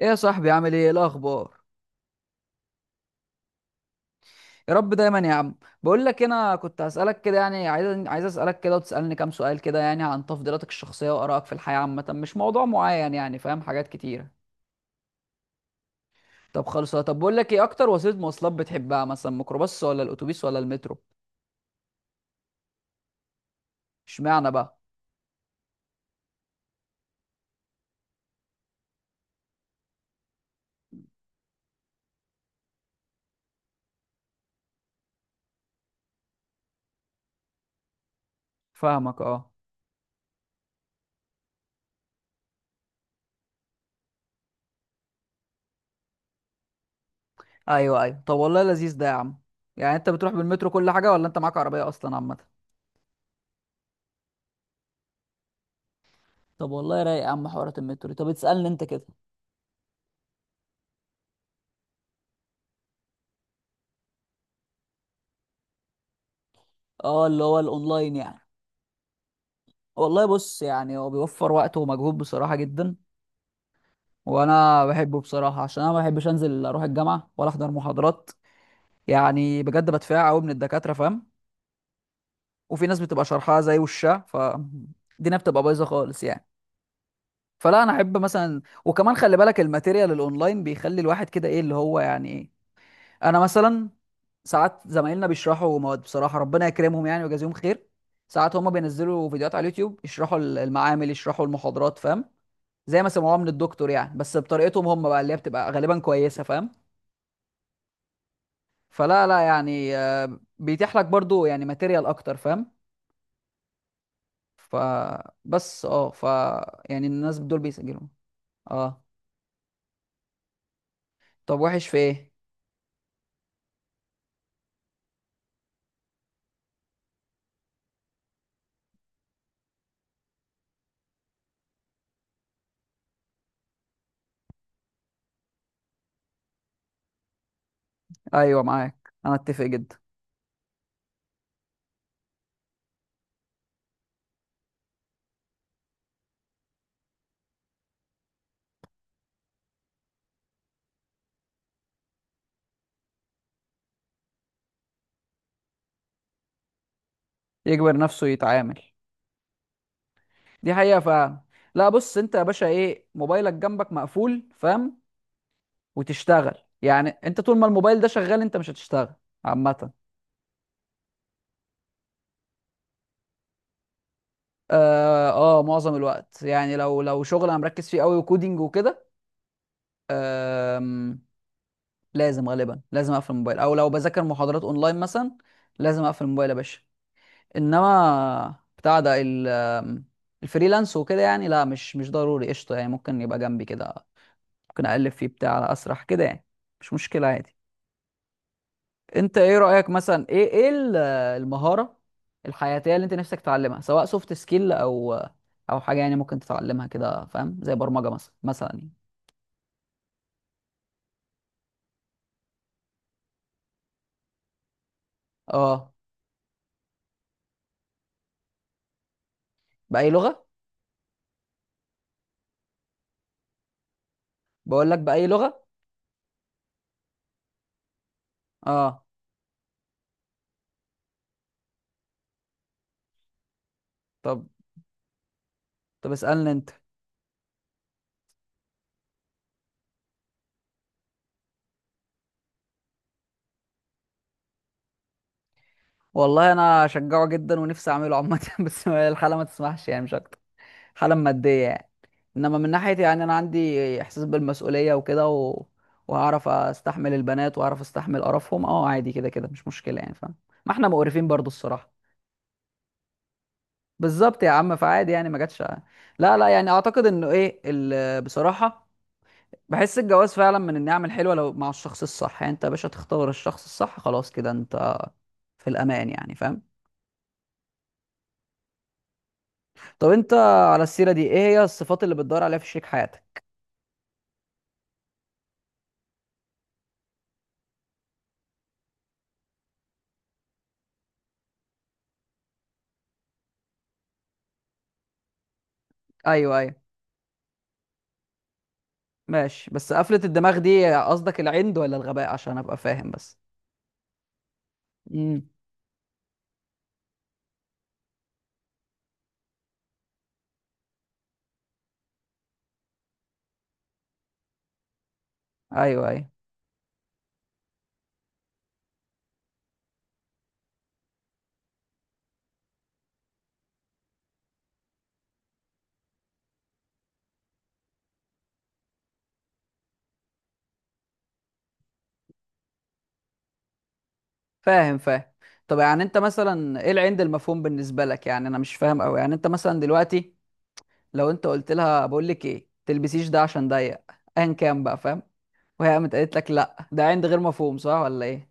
ايه يا صاحبي عامل ايه؟ إيه الاخبار؟ يا رب دايما يا عم. بقول لك إيه، انا كنت هسالك كده يعني عايز اسالك كده وتسالني كام سؤال كده يعني عن تفضيلاتك الشخصيه وارائك في الحياه عامه، مش موضوع معين يعني، فاهم، حاجات كتيره. طب خلص، طب بقول لك ايه اكتر وسيله مواصلات بتحبها؟ مثلا ميكروباص ولا الاتوبيس ولا المترو؟ اشمعنى بقى؟ فاهمك، اه. ايوه ايوه، طب والله لذيذ ده يا عم. يعني انت بتروح بالمترو كل حاجه ولا انت معاك عربيه اصلا عامه؟ طب والله رايق يا عم حوارات المترو. طب تسالني انت كده. اه، اللي هو الاونلاين يعني؟ والله بص، يعني هو بيوفر وقت ومجهود بصراحة جدا. وانا بحبه بصراحة عشان انا ما بحبش انزل اروح الجامعة ولا احضر محاضرات. يعني بجد بدفع قوي من الدكاترة، فاهم. وفي ناس بتبقى شرحها زي وشها فالدنيا بتبقى بايظة خالص يعني. فلا، انا احب مثلا، وكمان خلي بالك الماتيريال الاونلاين بيخلي الواحد كده، ايه اللي هو يعني ايه. انا مثلا ساعات زمايلنا بيشرحوا مواد بصراحة، ربنا يكرمهم يعني ويجازيهم خير. ساعات هما بينزلوا فيديوهات على اليوتيوب، يشرحوا المعامل يشرحوا المحاضرات، فاهم. زي ما سمعوها من الدكتور يعني، بس بطريقتهم هم بقى اللي هي بتبقى غالبا كويسه، فاهم. فلا لا يعني بيتيح لك برضو يعني ماتيريال اكتر، فاهم. فبس اه ف يعني الناس دول بيسجلوا. اه، طب وحش في ايه؟ ايوه معاك، انا اتفق جدا. يجبر نفسه يتعامل. دي حقيقه فعلا. لا بص، انت يا باشا ايه موبايلك جنبك مقفول، فاهم. وتشتغل، يعني انت طول ما الموبايل ده شغال انت مش هتشتغل عامه. اه. معظم الوقت يعني، لو شغل انا مركز فيه قوي وكودينج وكده. آم، لازم غالبا لازم اقفل الموبايل، او لو بذاكر محاضرات اونلاين مثلا لازم اقفل الموبايل يا باشا. انما بتاع ده ال- آم، الفريلانس وكده يعني لا، مش ضروري، قشطه يعني، ممكن يبقى جنبي كده، ممكن اقلب فيه بتاع على اسرح كده يعني. مش مشكله عادي. انت ايه رأيك مثلا، المهارة الحياتية اللي انت نفسك تتعلمها، سواء سوفت سكيل او او حاجة يعني ممكن تتعلمها كده، فاهم، زي برمجة مثلا يعني. اه. بأي لغة؟ بقول لك، بأي لغة؟ اه. طب طب اسألني انت. والله انا اشجعه جدا ونفسي اعمله عامة بس الحالة ما تسمحش يعني، مش اكتر. حالة مادية يعني. انما من ناحيتي يعني انا عندي احساس بالمسؤوليه وكده و... وهعرف استحمل البنات واعرف استحمل قرفهم، اه عادي، كده كده مش مشكله يعني، فاهم. ما احنا مقرفين برضو الصراحه. بالظبط يا عم، فعادي يعني، ما جاتش. لا لا يعني، اعتقد انه ايه ال... بصراحه بحس الجواز فعلا من النعم الحلوه لو مع الشخص الصح، يعني انت يا باشا تختار الشخص الصح، خلاص كده انت في الامان يعني، فاهم. طب انت، على السيره دي، ايه هي الصفات اللي بتدور عليها في شريك حياتك؟ ايوه ايوه، ماشي، بس قفلة الدماغ دي قصدك العند ولا الغباء عشان ابقى فاهم بس؟ امم. ايوه ايوه، فاهم فاهم. طب يعني انت مثلا، ايه العند المفهوم بالنسبة لك؟ يعني انا مش فاهم قوي يعني، انت مثلا دلوقتي لو انت قلت لها بقول لك ايه، تلبسيش ده عشان ضيق، ايا كان بقى، فاهم، وهي قامت قالت لك لا، ده عند غير مفهوم، صح ولا ايه؟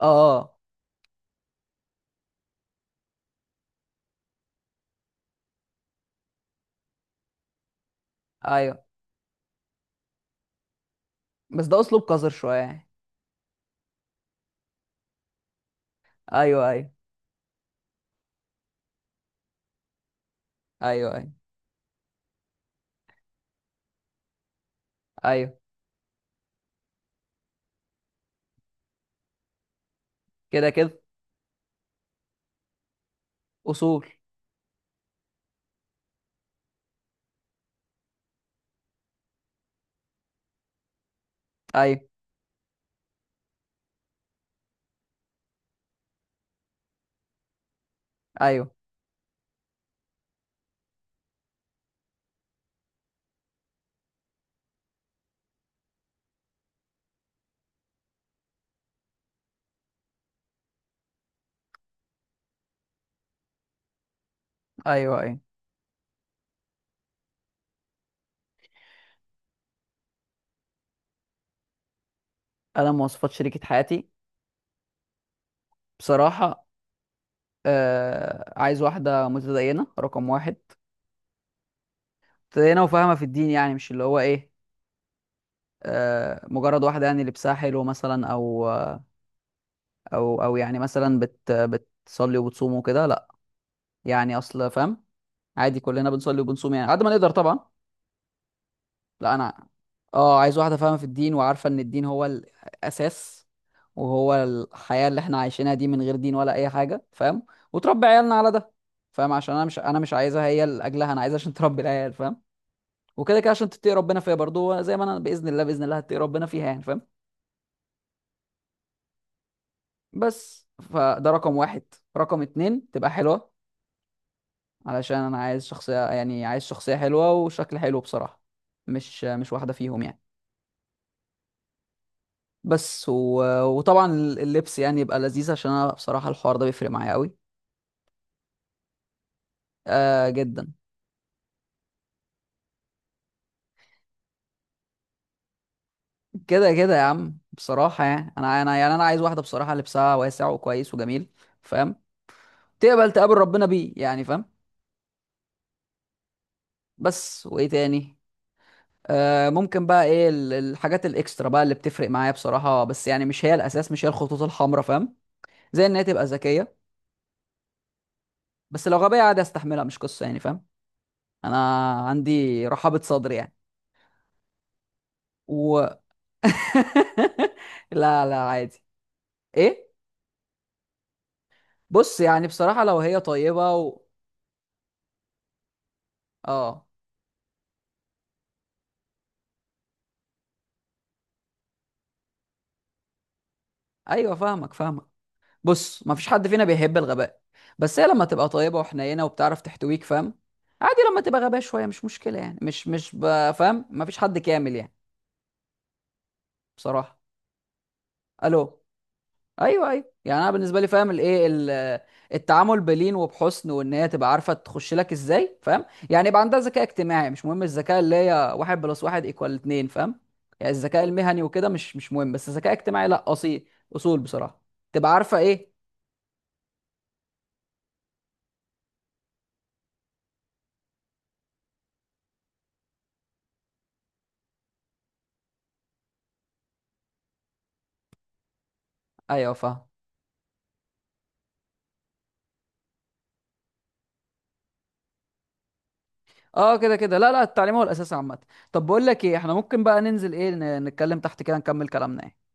اه. ايوه، بس ده اسلوب قذر شوية يعني. ايوه ايوه. ايوه ايوه. ايوه كده كده. اصول. ايوه ايوه. ايوه ايوه. انا مواصفات شريكة حياتي بصراحة، عايز واحدة متدينة، رقم واحد. متدينة وفاهمة في الدين، يعني مش اللي هو ايه، مجرد واحدة يعني لبسها حلو مثلا، او او يعني مثلا بتصلي وبتصوم وكده، لا، يعني اصل فاهم. عادي كلنا بنصلي وبنصوم يعني قد ما نقدر طبعا. لا انا، اه عايز واحدة فاهمة في الدين، وعارفة ان الدين هو الاساس، وهو الحياة اللي احنا عايشينها دي، من غير دين ولا اي حاجة، فاهم، وتربي عيالنا على ده، فاهم، عشان انا مش عايزها هي لاجلها، انا عايزها عشان تربي العيال، فاهم. وكده كده عشان تتقي ربنا فيها برضو زي ما انا باذن الله باذن الله هتقي ربنا فيها يعني، فاهم. بس فده رقم واحد. رقم اتنين تبقى حلوه. علشان انا عايز شخصيه، يعني عايز شخصيه حلوه وشكل حلو بصراحه، مش واحده فيهم يعني. بس و... وطبعا اللبس يعني يبقى لذيذ، عشان انا بصراحه الحوار ده بيفرق معايا قوي. آه جدا. كده كده يا عم بصراحه يعني، انا عايز واحده بصراحه لبسها واسع وكويس وجميل، فاهم، تقبل تقابل ربنا بيه يعني، فاهم. بس وايه تاني؟ ممكن بقى ايه الحاجات الاكسترا بقى اللي بتفرق معايا بصراحه، بس يعني مش هي الاساس، مش هي الخطوط الحمراء، فاهم. زي ان هي تبقى ذكيه، بس لو غبيه عادي استحملها، مش قصه يعني فاهم. انا عندي رحابه صدر يعني. و لا لا عادي. ايه. بص يعني بصراحه لو هي طيبه و... اه. ايوه فاهمك فاهمك. بص ما فيش حد فينا بيحب الغباء، بس هي لما تبقى طيبه وحنينه وبتعرف تحتويك فاهم، عادي لما تبقى غبية شوية مش مشكلة يعني، مش فاهم، مفيش حد كامل يعني بصراحه. الو. ايوه ايوه، يعني انا بالنسبه لي، فاهم، التعامل بلين وبحسن، وان هي تبقى عارفه تخش لك ازاي، فاهم. يعني يبقى عندها ذكاء اجتماعي، مش مهم الذكاء اللي هي 1+1=2، فاهم. يعني الذكاء المهني وكده مش مهم، بس الذكاء الاجتماعي لا، اصيل. اصول بصراحه. تبقى عارفه ايه. ايوه فاهم. اه كده كده، لا لا التعليم هو الاساس عامه. طب بقول لك ايه، احنا ممكن بقى ننزل، ايه، نتكلم تحت كده، نكمل كلامنا يعني.